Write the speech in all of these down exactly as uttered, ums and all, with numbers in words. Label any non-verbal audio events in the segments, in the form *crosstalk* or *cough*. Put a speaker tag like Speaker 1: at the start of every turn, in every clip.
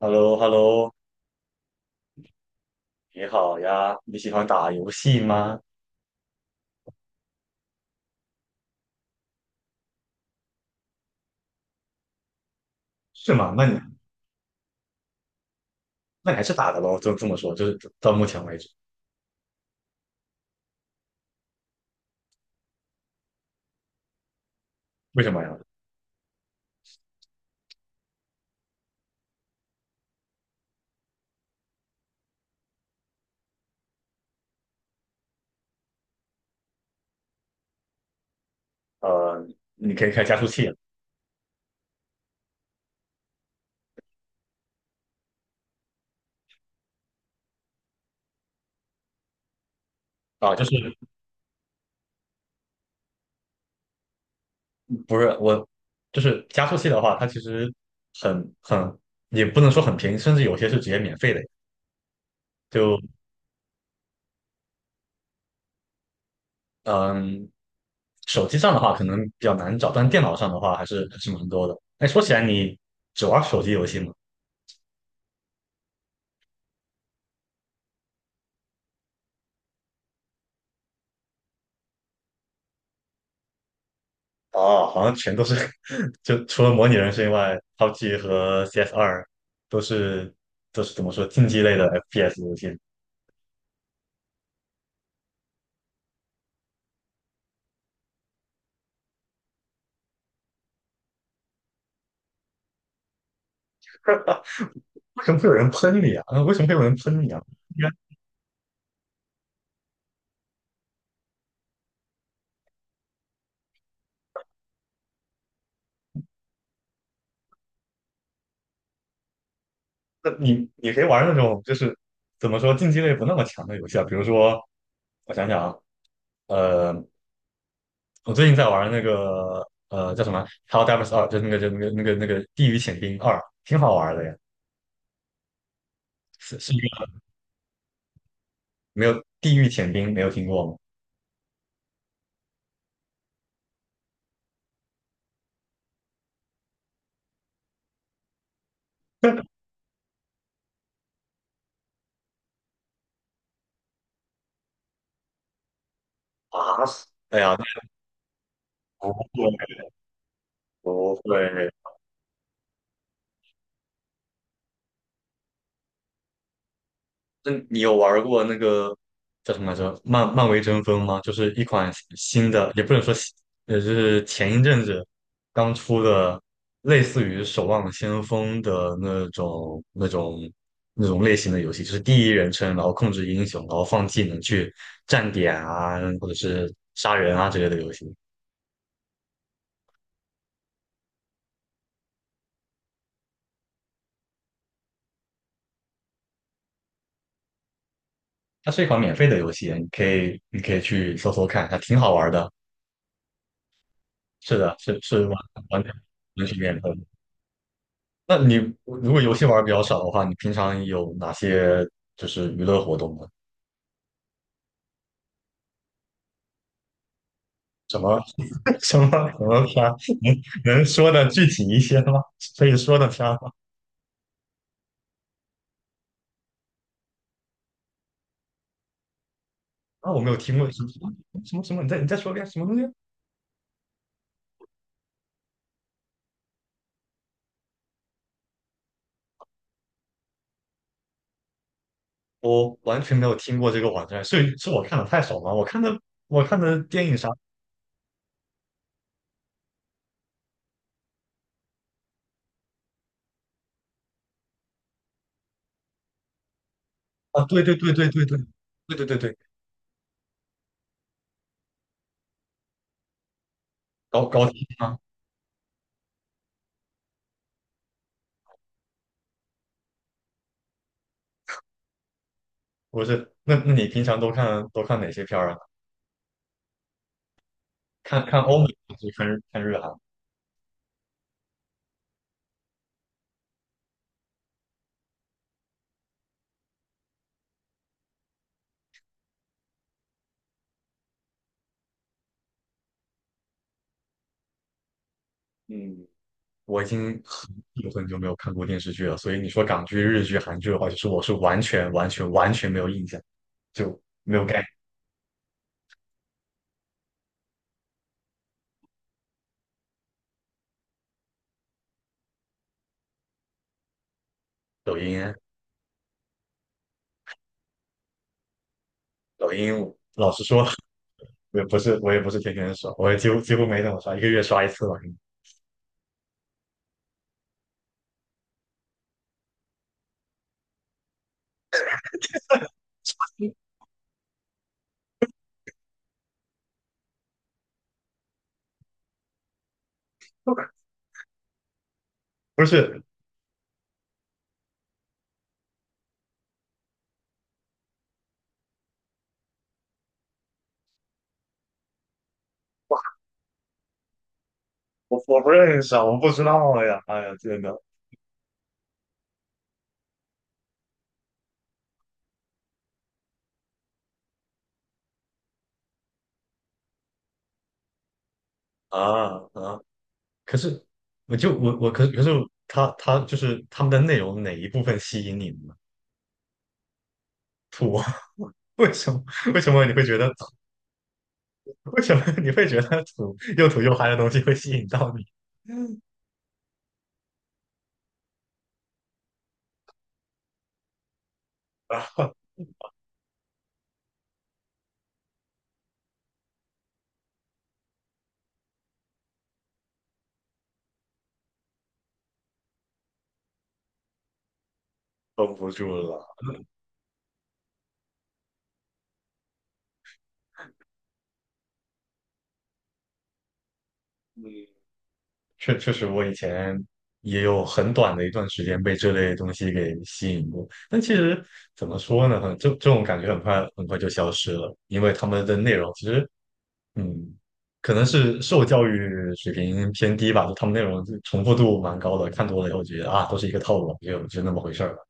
Speaker 1: h e l l o h e l l o 你好呀，你喜欢打游戏吗？是吗？那你那你还是打的喽，就这么说，就是到目前为止，为什么呀？呃，你可以开加速器了啊，就是不是我，就是加速器的话，它其实很很也不能说很便宜，甚至有些是直接免费的。就嗯，手机上的话可能比较难找，但电脑上的话还是还是蛮多的。哎，说起来，你只玩手机游戏吗？啊，好像全都是 *laughs* 就除了模拟人生以外，P U B G 和 C S 二都是都是怎么说竞技类的 F P S 游戏。为什么会有人喷你啊？啊为什么会有人喷你啊？应该，那你你可以玩那种就是怎么说竞技类不那么强的游戏啊，比如说我想想啊，呃，我最近在玩那个呃叫什么《Hello Divers 二》，就是那个就那个那个那个《地狱潜兵二》，挺好玩的呀。是是一个没有《地狱潜兵》没有听过吗？*laughs* 啊，哎呀，那我。不会，那你有玩过那个叫什么来着？漫漫威争锋吗？就是一款新的，也不能说新，呃，就是前一阵子刚出的，类似于《守望先锋》的那种、那种、那种类型的游戏，就是第一人称，然后控制英雄，然后放技能去站点啊，或者是杀人啊之类的游戏。它是一款免费的游戏，你可以你可以去搜搜看，还挺好玩的。是的，是是完完全完全免费。那你如果游戏玩的比较少的话，你平常有哪些就是娱乐活动呢？什么 *laughs* 什么什么片儿？能能说的具体一些吗？可以说的片儿吗？啊，我没有听过什么什么什么，什么，你再你再说一遍什么东西？我完全没有听过这个网站，所以是我看的太少吗？我看的我看的电影啥啊？对对对对对对对对对对，高高清吗？不是，那那你平常都看都看哪些片儿啊？看看欧美还是看日看日韩？嗯。我已经很久很久没有看过电视剧了，所以你说港剧、日剧、韩剧的话，就是我是完全、完全、完全没有印象，就没有概念抖音啊，抖音，老实说，*laughs* 我也不是，我也不是天天刷，我也几乎几乎没怎么刷，一个月刷一次吧。*laughs* 不是，我我不认识啊，我不知道呀，哎呀，真的啊啊！可是，我就我我可是可是他他就是他们的内容哪一部分吸引你呢？吐，*laughs* 为什么为什么你会觉得 *laughs* 为什么你会觉得土又土又嗨的东西会吸引到你？*laughs* 绷不住了。嗯，确确实，我以前也有很短的一段时间被这类东西给吸引过，但其实怎么说呢，很这这种感觉很快很快就消失了，因为他们的内容其实，嗯，可能是受教育水平偏低吧，就他们内容就重复度蛮高的，看多了以后觉得啊，都是一个套路，就就那么回事儿了。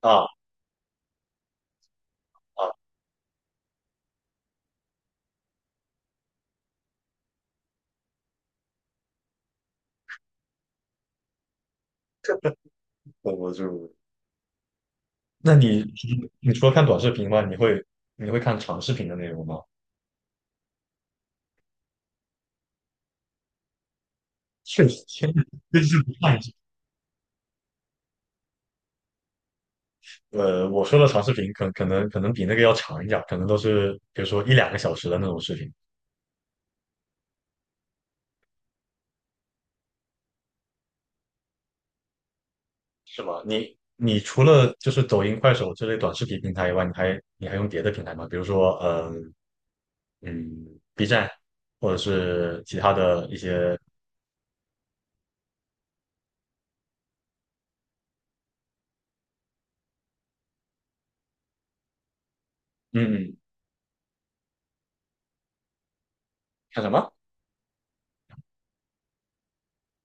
Speaker 1: 啊啊，这绷不住。那你你除了看短视频吗？你会你会看长视频的内容吗？确实，确实就是不看。呃，我说的长视频可可能可能比那个要长一点，可能都是比如说一两个小时的那种视频，是吗？你你除了就是抖音、快手这类短视频平台以外，你还你还用别的平台吗？比如说，呃，嗯，B 站，或者是其他的一些，嗯，嗯。看什么？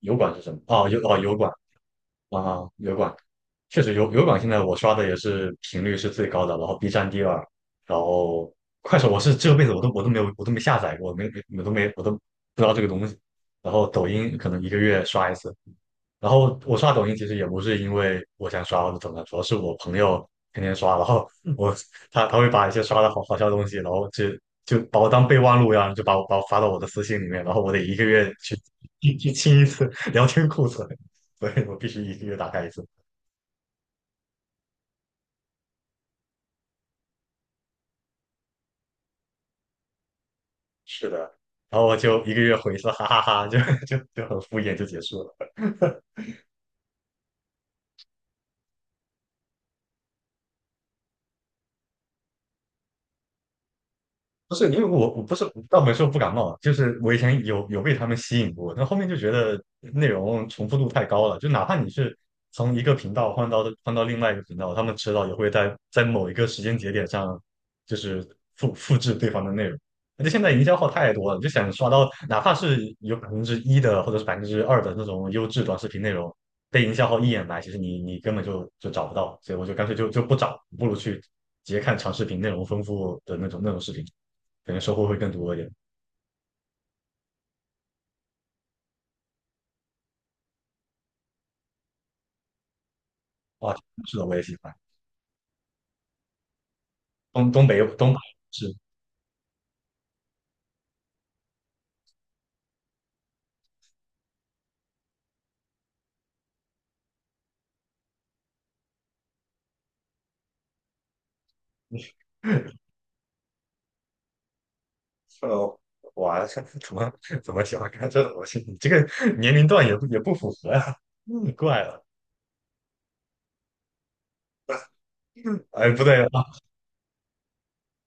Speaker 1: 油管是什么？哦，油哦，油管。啊，油管确实油油管现在我刷的也是频率是最高的，然后 B 站第二，然后快手我是这辈子我都我都没有我都没下载过，没没我都没我都不知道这个东西，然后抖音可能一个月刷一次，然后我刷抖音其实也不是因为我想刷或者怎么样，主要是我朋友天天刷，然后我他他会把一些刷的好好笑的东西，然后就就把我当备忘录一样，就把我把我发到我的私信里面，然后我得一个月去去去清一次 *laughs* 聊天库存，所以我必须一个月打开一次。是的，然后我就一个月回一次，哈哈哈就就就很敷衍就结束了。不是因为我我不是倒没说不感冒，就是我以前有有被他们吸引过，但后面就觉得内容重复度太高了，就哪怕你是从一个频道换到换到另外一个频道，他们迟早也会在在某一个时间节点上，就是复复制对方的内容。而且现在营销号太多了，就想刷到哪怕是有百分之一的或者是百分之二的那种优质短视频内容，被营销号一眼来，其实你你根本就就找不到，所以我就干脆就就不找，不如去直接看长视频内容丰富的那种那种视频。可能收获会更多一点。哇，是的，我也喜欢东东北东北是，*laughs* 呃，哇，这怎么怎么喜欢看这种东西？你这个年龄段也不也不符合呀、嗯，怪了。哎，不对啊，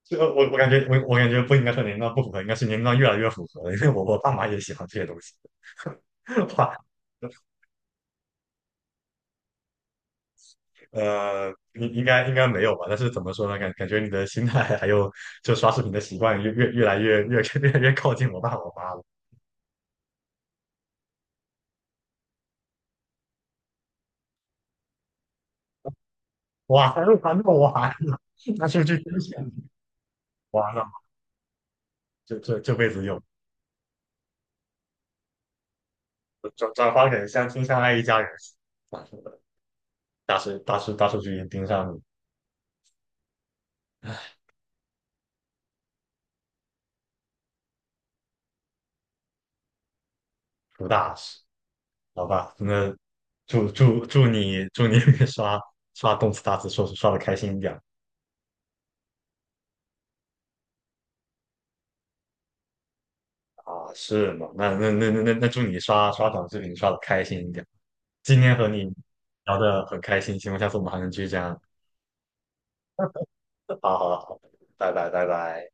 Speaker 1: 这个我我感觉我我感觉不应该说年龄段不符合，应该是年龄段越来越符合了，因为我我爸妈也喜欢这些东西。*laughs* 哇，呃，应应该应该没有吧？但是怎么说呢？感感觉你的心态还有就刷视频的习惯越越越来越越 *laughs* 越来越靠近我爸我妈了。哇，还那么了完了，*laughs* 那是这真相，完了，这这这辈子就转转发给相亲相爱一家人，大数大数大数据已盯上你出大事，好吧？那祝祝祝你祝你 *laughs* 刷刷动次打次说刷的开心一点啊，是吗？那那那那那那祝你刷刷短视频刷的开心一点。今天和你聊的很开心，希望下次我们还能继续这样。*laughs* 好好好，拜拜拜拜。